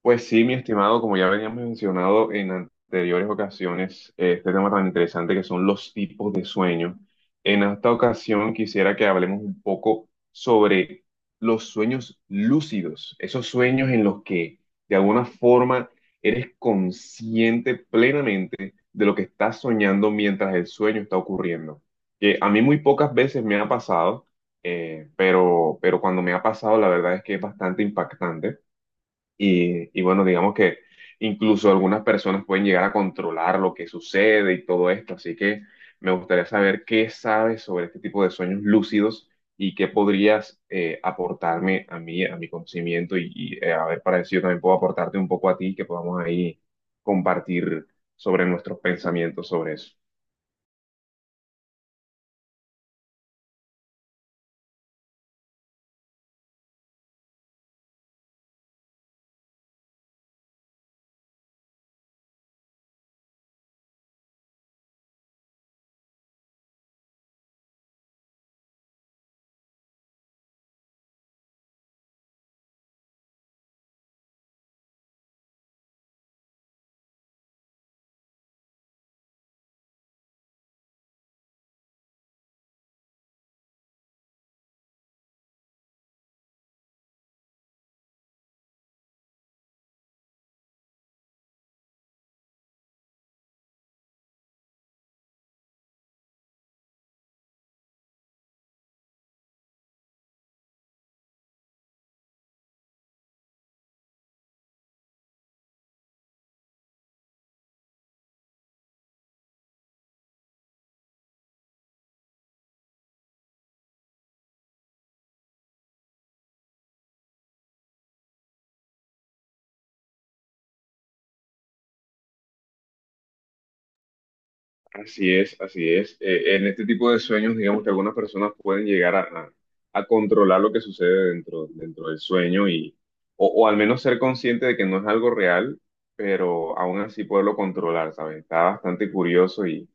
Pues sí, mi estimado, como ya veníamos mencionado en anteriores ocasiones, este tema tan interesante que son los tipos de sueño. En esta ocasión quisiera que hablemos un poco sobre los sueños lúcidos, esos sueños en los que de alguna forma eres consciente plenamente de lo que estás soñando mientras el sueño está ocurriendo. Que a mí muy pocas veces me ha pasado, pero cuando me ha pasado la verdad es que es bastante impactante y bueno, digamos que incluso algunas personas pueden llegar a controlar lo que sucede y todo esto. Así que me gustaría saber qué sabes sobre este tipo de sueños lúcidos y qué podrías aportarme a mí, a mi conocimiento y a ver para ver si yo también puedo aportarte un poco a ti, que podamos ahí compartir sobre nuestros pensamientos sobre eso. Así es, así es. En este tipo de sueños, digamos que algunas personas pueden llegar a controlar lo que sucede dentro del sueño y, o al menos ser consciente de que no es algo real, pero aún así poderlo controlar, ¿sabes? Está bastante curioso y,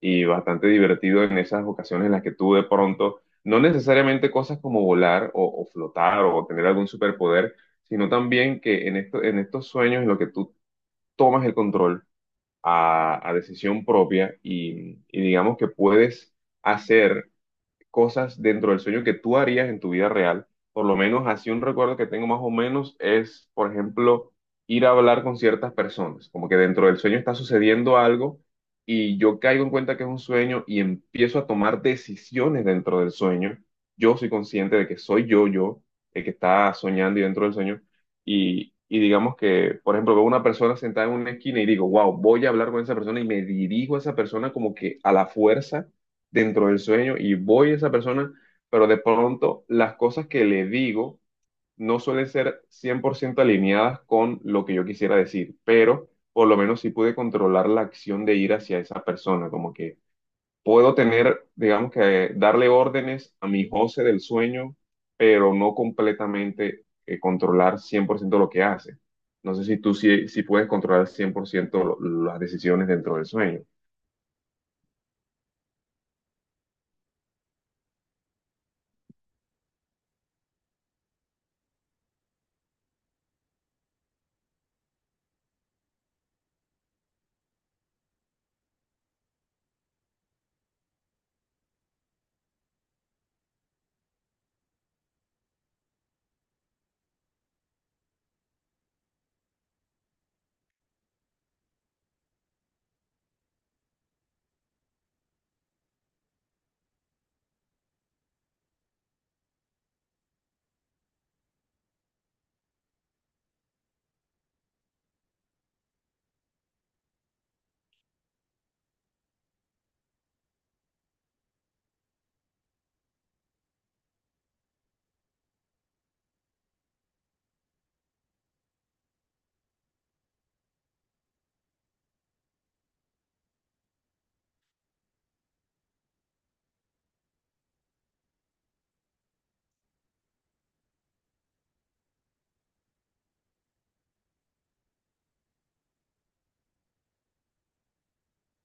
y bastante divertido en esas ocasiones en las que tú de pronto, no necesariamente cosas como volar o flotar o tener algún superpoder, sino también que en esto, en estos sueños en los que tú tomas el control a decisión propia y digamos que puedes hacer cosas dentro del sueño que tú harías en tu vida real. Por lo menos así un recuerdo que tengo más o menos es, por ejemplo, ir a hablar con ciertas personas, como que dentro del sueño está sucediendo algo y yo caigo en cuenta que es un sueño y empiezo a tomar decisiones dentro del sueño. Yo soy consciente de que soy yo, el que está soñando y dentro del sueño. Y digamos que, por ejemplo, veo una persona sentada en una esquina y digo, wow, voy a hablar con esa persona y me dirijo a esa persona como que a la fuerza dentro del sueño y voy a esa persona, pero de pronto las cosas que le digo no suelen ser 100% alineadas con lo que yo quisiera decir, pero por lo menos sí pude controlar la acción de ir hacia esa persona, como que puedo tener, digamos que darle órdenes a mi José del sueño, pero no completamente controlar 100% lo que hace. No sé si tú sí puedes controlar 100% lo- las decisiones dentro del sueño.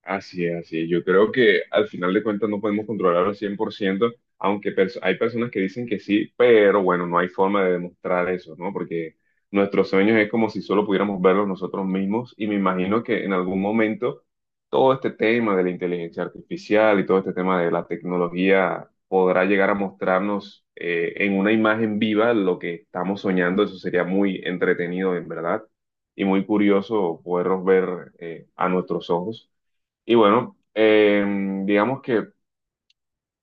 Así es, así es. Yo creo que al final de cuentas no podemos controlar al 100%, aunque hay personas que dicen que sí, pero bueno, no hay forma de demostrar eso, ¿no? Porque nuestros sueños es como si solo pudiéramos verlos nosotros mismos y me imagino que en algún momento todo este tema de la inteligencia artificial y todo este tema de la tecnología podrá llegar a mostrarnos en una imagen viva lo que estamos soñando. Eso sería muy entretenido, en verdad, y muy curioso poderlos ver a nuestros ojos. Y bueno, digamos que,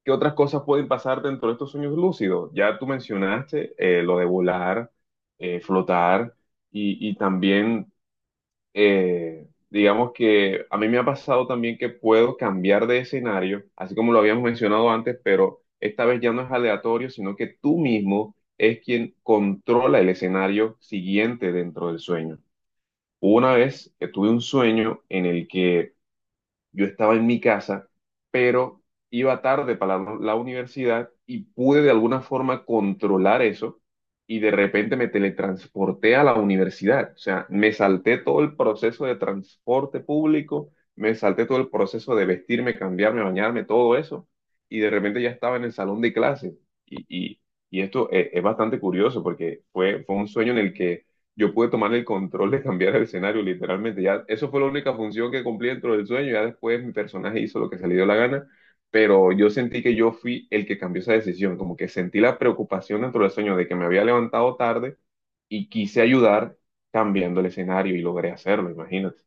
¿qué otras cosas pueden pasar dentro de estos sueños lúcidos? Ya tú mencionaste lo de volar, flotar y también, digamos que a mí me ha pasado también que puedo cambiar de escenario, así como lo habíamos mencionado antes, pero esta vez ya no es aleatorio, sino que tú mismo es quien controla el escenario siguiente dentro del sueño. Hubo una vez que tuve un sueño en el que yo estaba en mi casa, pero iba tarde para la universidad y pude de alguna forma controlar eso y de repente me teletransporté a la universidad. O sea, me salté todo el proceso de transporte público, me salté todo el proceso de vestirme, cambiarme, bañarme, todo eso y de repente ya estaba en el salón de clase. Y, y, y esto es bastante curioso porque fue un sueño en el que yo pude tomar el control de cambiar el escenario, literalmente. Ya, eso fue la única función que cumplí dentro del sueño. Ya después mi personaje hizo lo que se le dio la gana, pero yo sentí que yo fui el que cambió esa decisión. Como que sentí la preocupación dentro del sueño de que me había levantado tarde y quise ayudar cambiando el escenario y logré hacerlo, imagínate.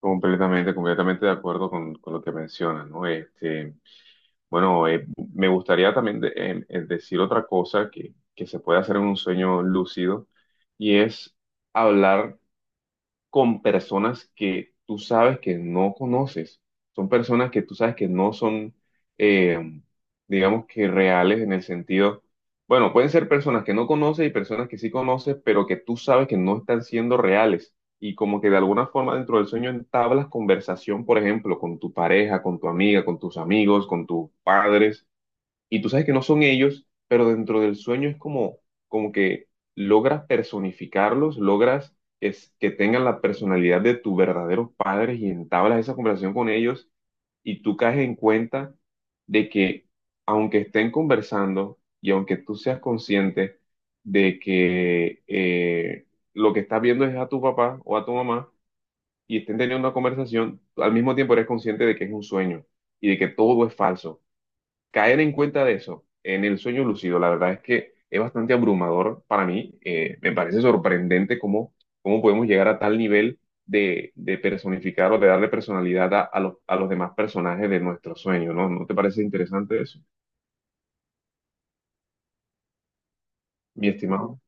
Completamente de acuerdo con lo que mencionas, ¿no? Este. Bueno, me gustaría también decir otra cosa que se puede hacer en un sueño lúcido y es hablar con personas que tú sabes que no conoces. Son personas que tú sabes que no son, eh, digamos que reales en el sentido, bueno, pueden ser personas que no conoces y personas que sí conoces, pero que tú sabes que no están siendo reales. Y como que de alguna forma dentro del sueño entablas conversación, por ejemplo, con tu pareja, con tu amiga, con tus amigos, con tus padres y tú sabes que no son ellos, pero dentro del sueño es como, como que logras personificarlos, logras que tengan la personalidad de tus verdaderos padres y entablas esa conversación con ellos y tú caes en cuenta de que aunque estén conversando y aunque tú seas consciente de que lo que estás viendo es a tu papá o a tu mamá y estén teniendo una conversación, al mismo tiempo eres consciente de que es un sueño y de que todo es falso caer en cuenta de eso en el sueño lúcido, la verdad es que es bastante abrumador para mí. Me parece sorprendente cómo, cómo podemos llegar a tal nivel de personificar o de darle personalidad a los demás personajes de nuestro sueño, ¿no? ¿No te parece interesante eso, mi estimado?